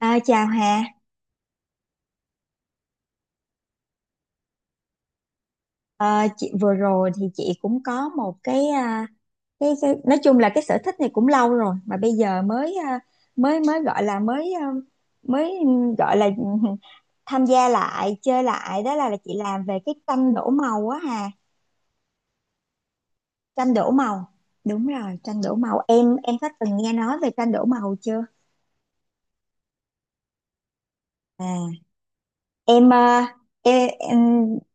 Chào Hà. Ờ, chị vừa rồi thì chị cũng có một cái, nói chung là cái sở thích này cũng lâu rồi mà bây giờ mới à, mới mới gọi là mới à, mới ừ, gọi là tham gia lại, chơi lại, đó là chị làm về cái tranh đổ màu á Hà, tranh đổ màu. Đúng rồi, tranh đổ màu. Em có từng nghe nói về tranh đổ màu chưa? À, em ờ, em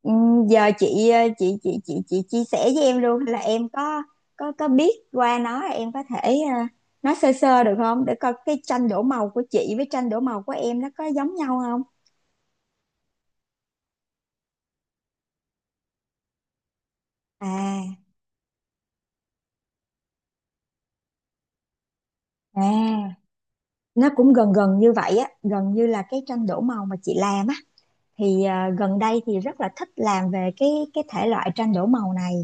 ừ, giờ chị ờ, chị chia sẻ với em luôn là em có có biết qua nó, em có thể ờ, nói sơ sơ được không, để coi cái tranh đổ màu của chị với tranh đổ màu của em nó có giống nhau không. À à, nó cũng gần gần như vậy á, gần như là cái tranh đổ màu mà chị làm á, thì gần đây thì rất là thích làm về cái thể loại tranh đổ màu này,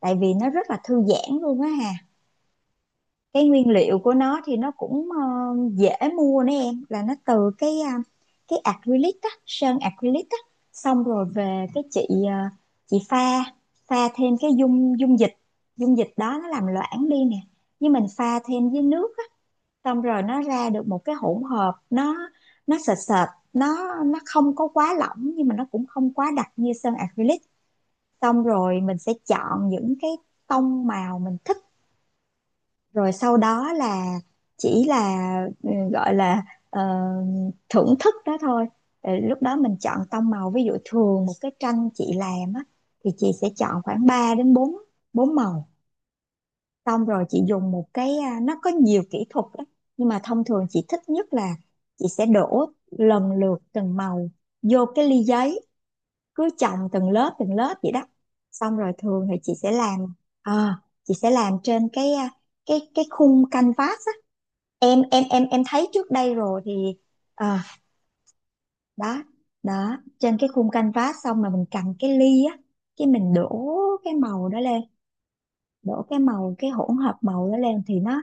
tại vì nó rất là thư giãn luôn á. Cái nguyên liệu của nó thì nó cũng dễ mua nữa em, là nó từ cái acrylic á, sơn acrylic á, xong rồi về cái chị ờ, chị pha, pha thêm cái dung dung dịch, dung dịch đó nó làm loãng đi nè, nhưng mình pha thêm với nước á, xong rồi nó ra được một cái hỗn hợp nó sệt sệt, nó không có quá lỏng nhưng mà nó cũng không quá đặc như sơn acrylic. Xong rồi mình sẽ chọn những cái tông màu mình thích, rồi sau đó là chỉ là ừ, gọi là ờ, thưởng thức đó thôi. Ờ, lúc đó mình chọn tông màu, ví dụ thường một cái tranh chị làm á thì chị sẽ chọn khoảng 3 đến bốn, bốn màu, xong rồi chị dùng một nó có nhiều kỹ thuật đó, nhưng mà thông thường chị thích nhất là chị sẽ đổ lần lượt từng màu vô cái ly giấy, cứ chồng từng lớp vậy đó, xong rồi thường thì chị sẽ làm à, chị sẽ làm trên cái à, cái cái khung canvas á, em thấy trước đây rồi thì à, đó, đó, trên cái khung canvas xong rồi mình cầm cái ly á, cái mình đổ cái màu đó lên, đổ cái màu, cái hỗn hợp màu đó lên thì nó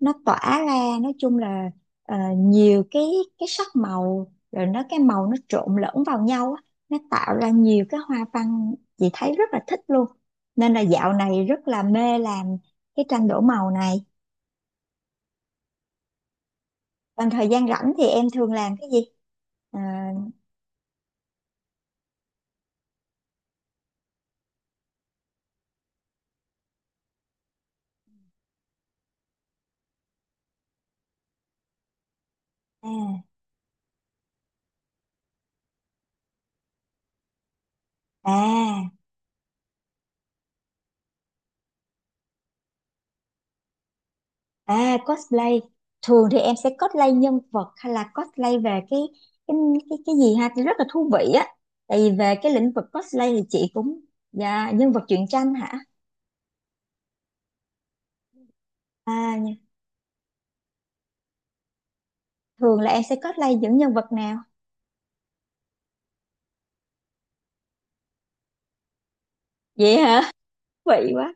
nó tỏa ra, nói chung là nhiều cái sắc màu, rồi nó cái màu nó trộn lẫn vào nhau á, nó tạo ra nhiều cái hoa văn, chị thấy rất là thích luôn, nên là dạo này rất là mê làm cái tranh đổ màu này. Còn thời gian rảnh thì em thường làm cái gì? Ờ, à, à. À, cosplay. Thường thì em sẽ cosplay nhân vật hay là cosplay về cái, cái gì ha, thì rất là thú vị á, tại vì về cái lĩnh vực cosplay thì chị cũng. Dạ, nhân vật truyện tranh hả? À nhưng- thường là em sẽ cosplay những nhân vật nào? Vậy hả? Thú vị quá.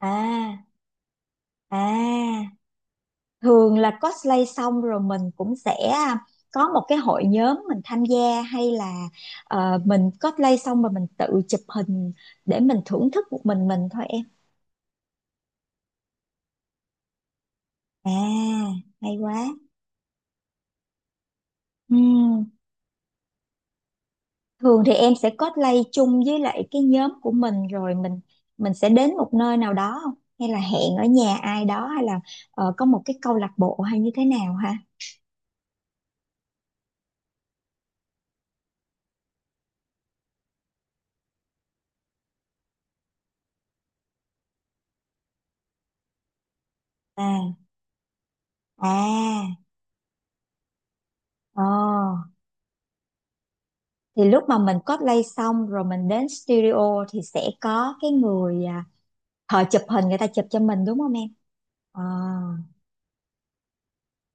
À, à, thường là cosplay xong rồi mình cũng sẽ có một cái hội nhóm mình tham gia, hay là mình cosplay xong rồi mình tự chụp hình để mình thưởng thức một mình thôi em. À, hay quá. Ừm, Thường thì em sẽ cosplay chung với lại cái nhóm của mình, rồi mình sẽ đến một nơi nào đó không? Hay là hẹn ở nhà ai đó, hay là có một cái câu lạc bộ, hay như thế nào ha? À, à, ờ. Thì lúc mà mình cosplay xong rồi mình đến studio thì sẽ có cái người họ chụp hình, người ta chụp cho mình đúng không em? Ờ.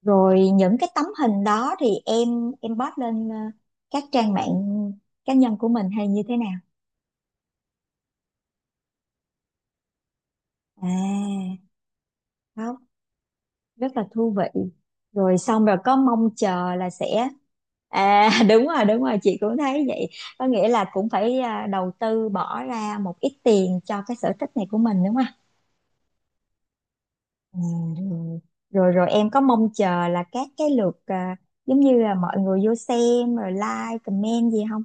Rồi những cái tấm hình đó thì em post lên các trang mạng cá nhân của mình hay như thế nào? À. Không. Rất là thú vị. Rồi xong rồi có mong chờ là sẽ. À, đúng rồi, đúng rồi, chị cũng thấy vậy, có nghĩa là cũng phải đầu tư bỏ ra một ít tiền cho cái sở thích này của mình đúng không? À, rồi. Rồi rồi, em có mong chờ là các cái lượt giống như là mọi người vô xem rồi like comment gì không?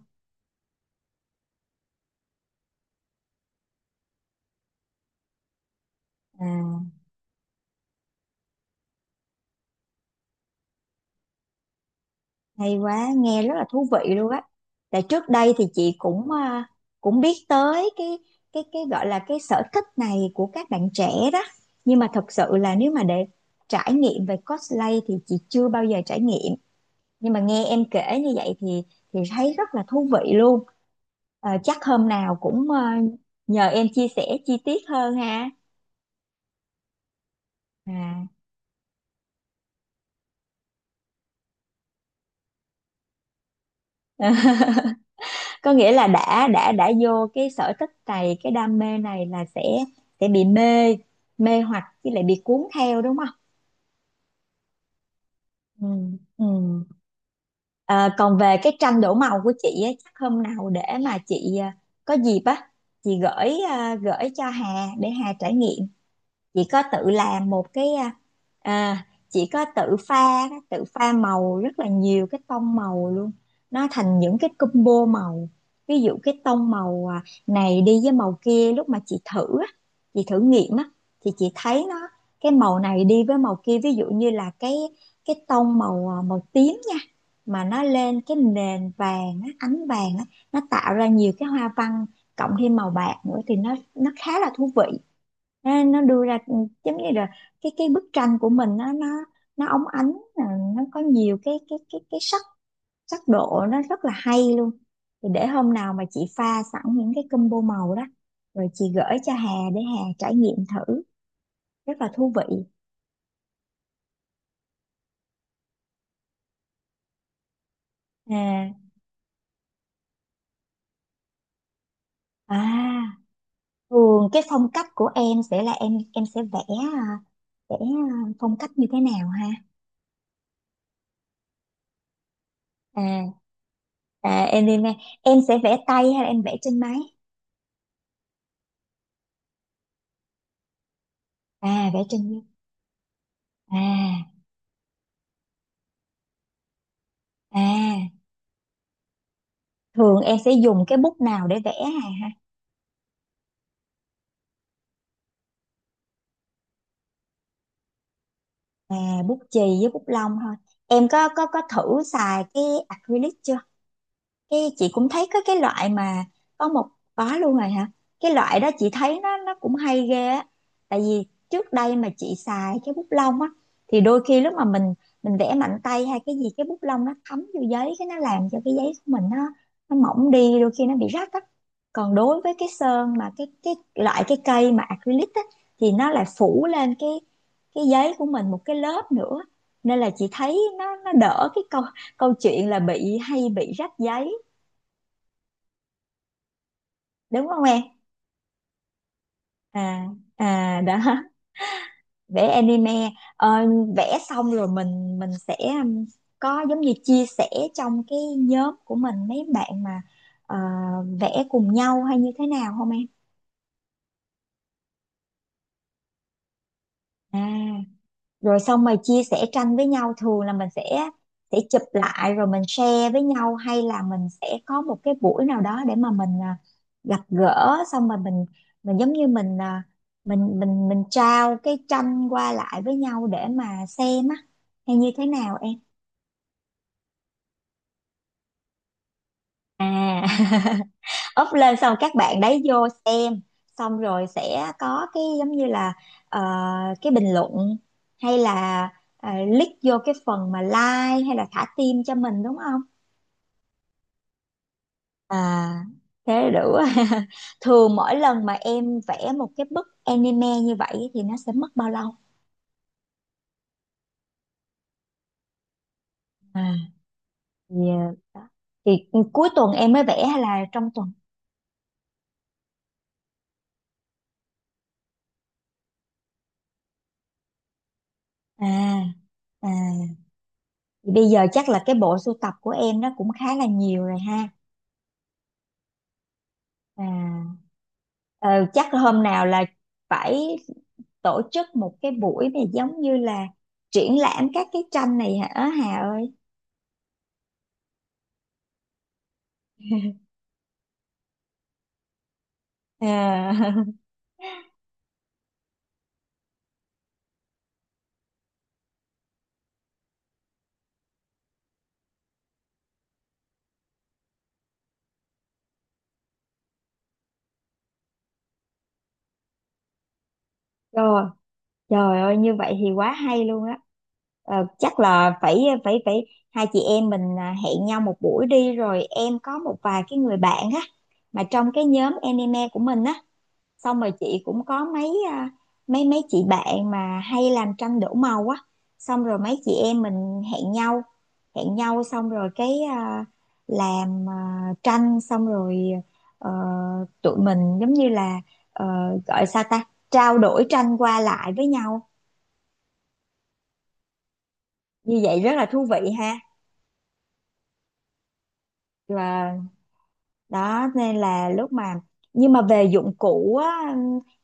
À, hay quá, nghe rất là thú vị luôn á. Tại trước đây thì chị cũng cũng biết tới cái gọi là cái sở thích này của các bạn trẻ đó. Nhưng mà thật sự là nếu mà để trải nghiệm về cosplay thì chị chưa bao giờ trải nghiệm. Nhưng mà nghe em kể như vậy thì thấy rất là thú vị luôn. Ờ, chắc hôm nào cũng nhờ em chia sẻ chi tiết hơn ha. À. Có nghĩa là đã vô cái sở thích này, cái đam mê này là sẽ bị mê, mê hoặc với lại bị cuốn theo đúng không? Ừ, ừ. À, còn về cái tranh đổ màu của chị á, chắc hôm nào để mà chị có dịp á, chị gửi gửi cho Hà để Hà trải nghiệm. Chị có tự làm một chị có tự pha, tự pha màu rất là nhiều cái tông màu luôn, nó thành những cái combo màu, ví dụ cái tông màu này đi với màu kia, lúc mà chị thử á, chị thử nghiệm á, thì chị thấy nó, cái màu này đi với màu kia, ví dụ như là cái tông màu màu tím nha, mà nó lên cái nền vàng á, ánh vàng á, nó tạo ra nhiều cái hoa văn, cộng thêm màu bạc nữa thì nó khá là thú vị, nó đưa ra giống như là cái bức tranh của mình nó óng ánh nó có nhiều cái sắc, sắc độ nó rất là hay luôn. Thì để hôm nào mà chị pha sẵn những cái combo màu đó, rồi chị gửi cho Hà để Hà trải nghiệm thử, rất là thú vị. À, à, thường cái phong cách của em sẽ là em sẽ vẽ, à, vẽ phong cách như thế nào ha? À, à, em đi nghe, em sẽ vẽ tay hay là em vẽ trên máy? À, vẽ trên. À. À, thường em sẽ dùng cái bút nào để vẽ hả? À, bút chì với bút lông thôi. Em có có thử xài cái acrylic chưa? Cái chị cũng thấy có cái loại mà, có một, có luôn rồi hả? Cái loại đó chị thấy nó cũng hay ghê á, tại vì trước đây mà chị xài cái bút lông á, thì đôi khi lúc mà mình vẽ mạnh tay hay cái gì, cái bút lông nó thấm vô giấy, cái nó làm cho cái giấy của mình nó mỏng đi, đôi khi nó bị rách á. Còn đối với cái sơn, mà cái loại cái cây mà acrylic á, thì nó lại phủ lên cái giấy của mình một cái lớp nữa, nên là chị thấy nó đỡ cái câu, câu chuyện là bị hay bị rách giấy, đúng không em? À, à, đó. Vẽ anime, ờ, vẽ xong rồi mình sẽ có giống như chia sẻ trong cái nhóm của mình, mấy bạn mà ờ, vẽ cùng nhau hay như thế nào không em? À, rồi xong, mà chia sẻ tranh với nhau thường là mình sẽ chụp lại rồi mình share với nhau, hay là mình sẽ có một cái buổi nào đó để mà mình gặp gỡ, xong rồi mình giống như mình mình trao cái tranh qua lại với nhau để mà xem á, hay như thế nào em? À. Up lên xong các bạn đấy vô xem, xong rồi sẽ có cái giống như là ờ, cái bình luận, hay là click vô cái phần mà like hay là thả tim cho mình, đúng không? À, thế là đủ. Thường mỗi lần mà em vẽ một cái bức anime như vậy thì nó sẽ mất bao lâu? À, thì, ờ, đó. Thì cuối tuần em mới vẽ hay là trong tuần? À, à, thì bây giờ chắc là cái bộ sưu tập của em nó cũng khá là nhiều rồi ha. À. Ờ, chắc là hôm nào là phải tổ chức một cái buổi này, giống như là triển lãm các cái tranh này hả Hà ơi? À. Rồi, trời ơi, như vậy thì quá hay luôn á. Ờ, chắc là phải phải phải hai chị em mình hẹn nhau một buổi đi, rồi em có một vài cái người bạn á mà trong cái nhóm anime của mình á, xong rồi chị cũng có mấy mấy mấy chị bạn mà hay làm tranh đổ màu á, xong rồi mấy chị em mình hẹn nhau, hẹn nhau xong rồi cái làm tranh xong rồi ờ, tụi mình giống như là ờ, gọi sao ta, trao đổi tranh qua lại với nhau, như vậy rất là thú vị ha. Và đó, nên là lúc mà, nhưng mà về dụng cụ á,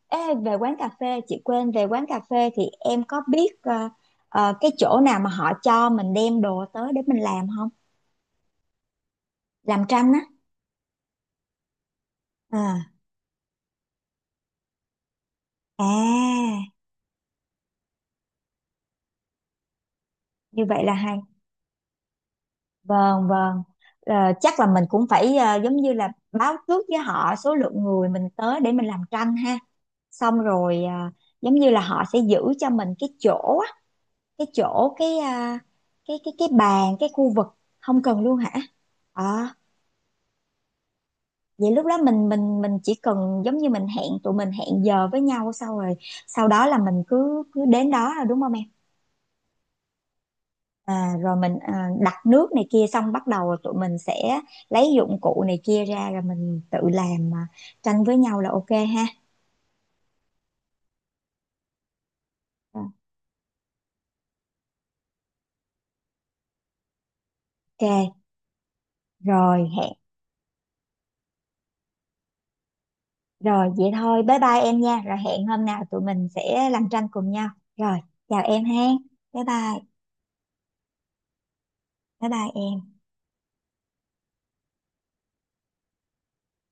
ê, về quán cà phê chị quên, về quán cà phê thì em có biết cái chỗ nào mà họ cho mình đem đồ tới để mình làm không, làm tranh á. À, à, như vậy là hay. Vâng vâng. Ờ, chắc là mình cũng phải giống như là báo trước với họ số lượng người mình tới để mình làm tranh ha, xong rồi giống như là họ sẽ giữ cho mình cái chỗ, cái chỗ cái bàn, cái khu vực. Không cần luôn hả? À, vậy lúc đó mình chỉ cần giống như mình hẹn, tụi mình hẹn giờ với nhau, sau rồi sau đó là mình cứ cứ đến đó rồi đúng không em? À, rồi mình đặt nước này kia xong, bắt đầu là tụi mình sẽ lấy dụng cụ này kia ra, rồi mình tự làm tranh với nhau là ok ha. Ờ, ok, rồi hẹn. Rồi vậy thôi, bye bye em nha, rồi hẹn hôm nào tụi mình sẽ làm tranh cùng nhau. Rồi, chào em ha, bye bye. Bye bye em.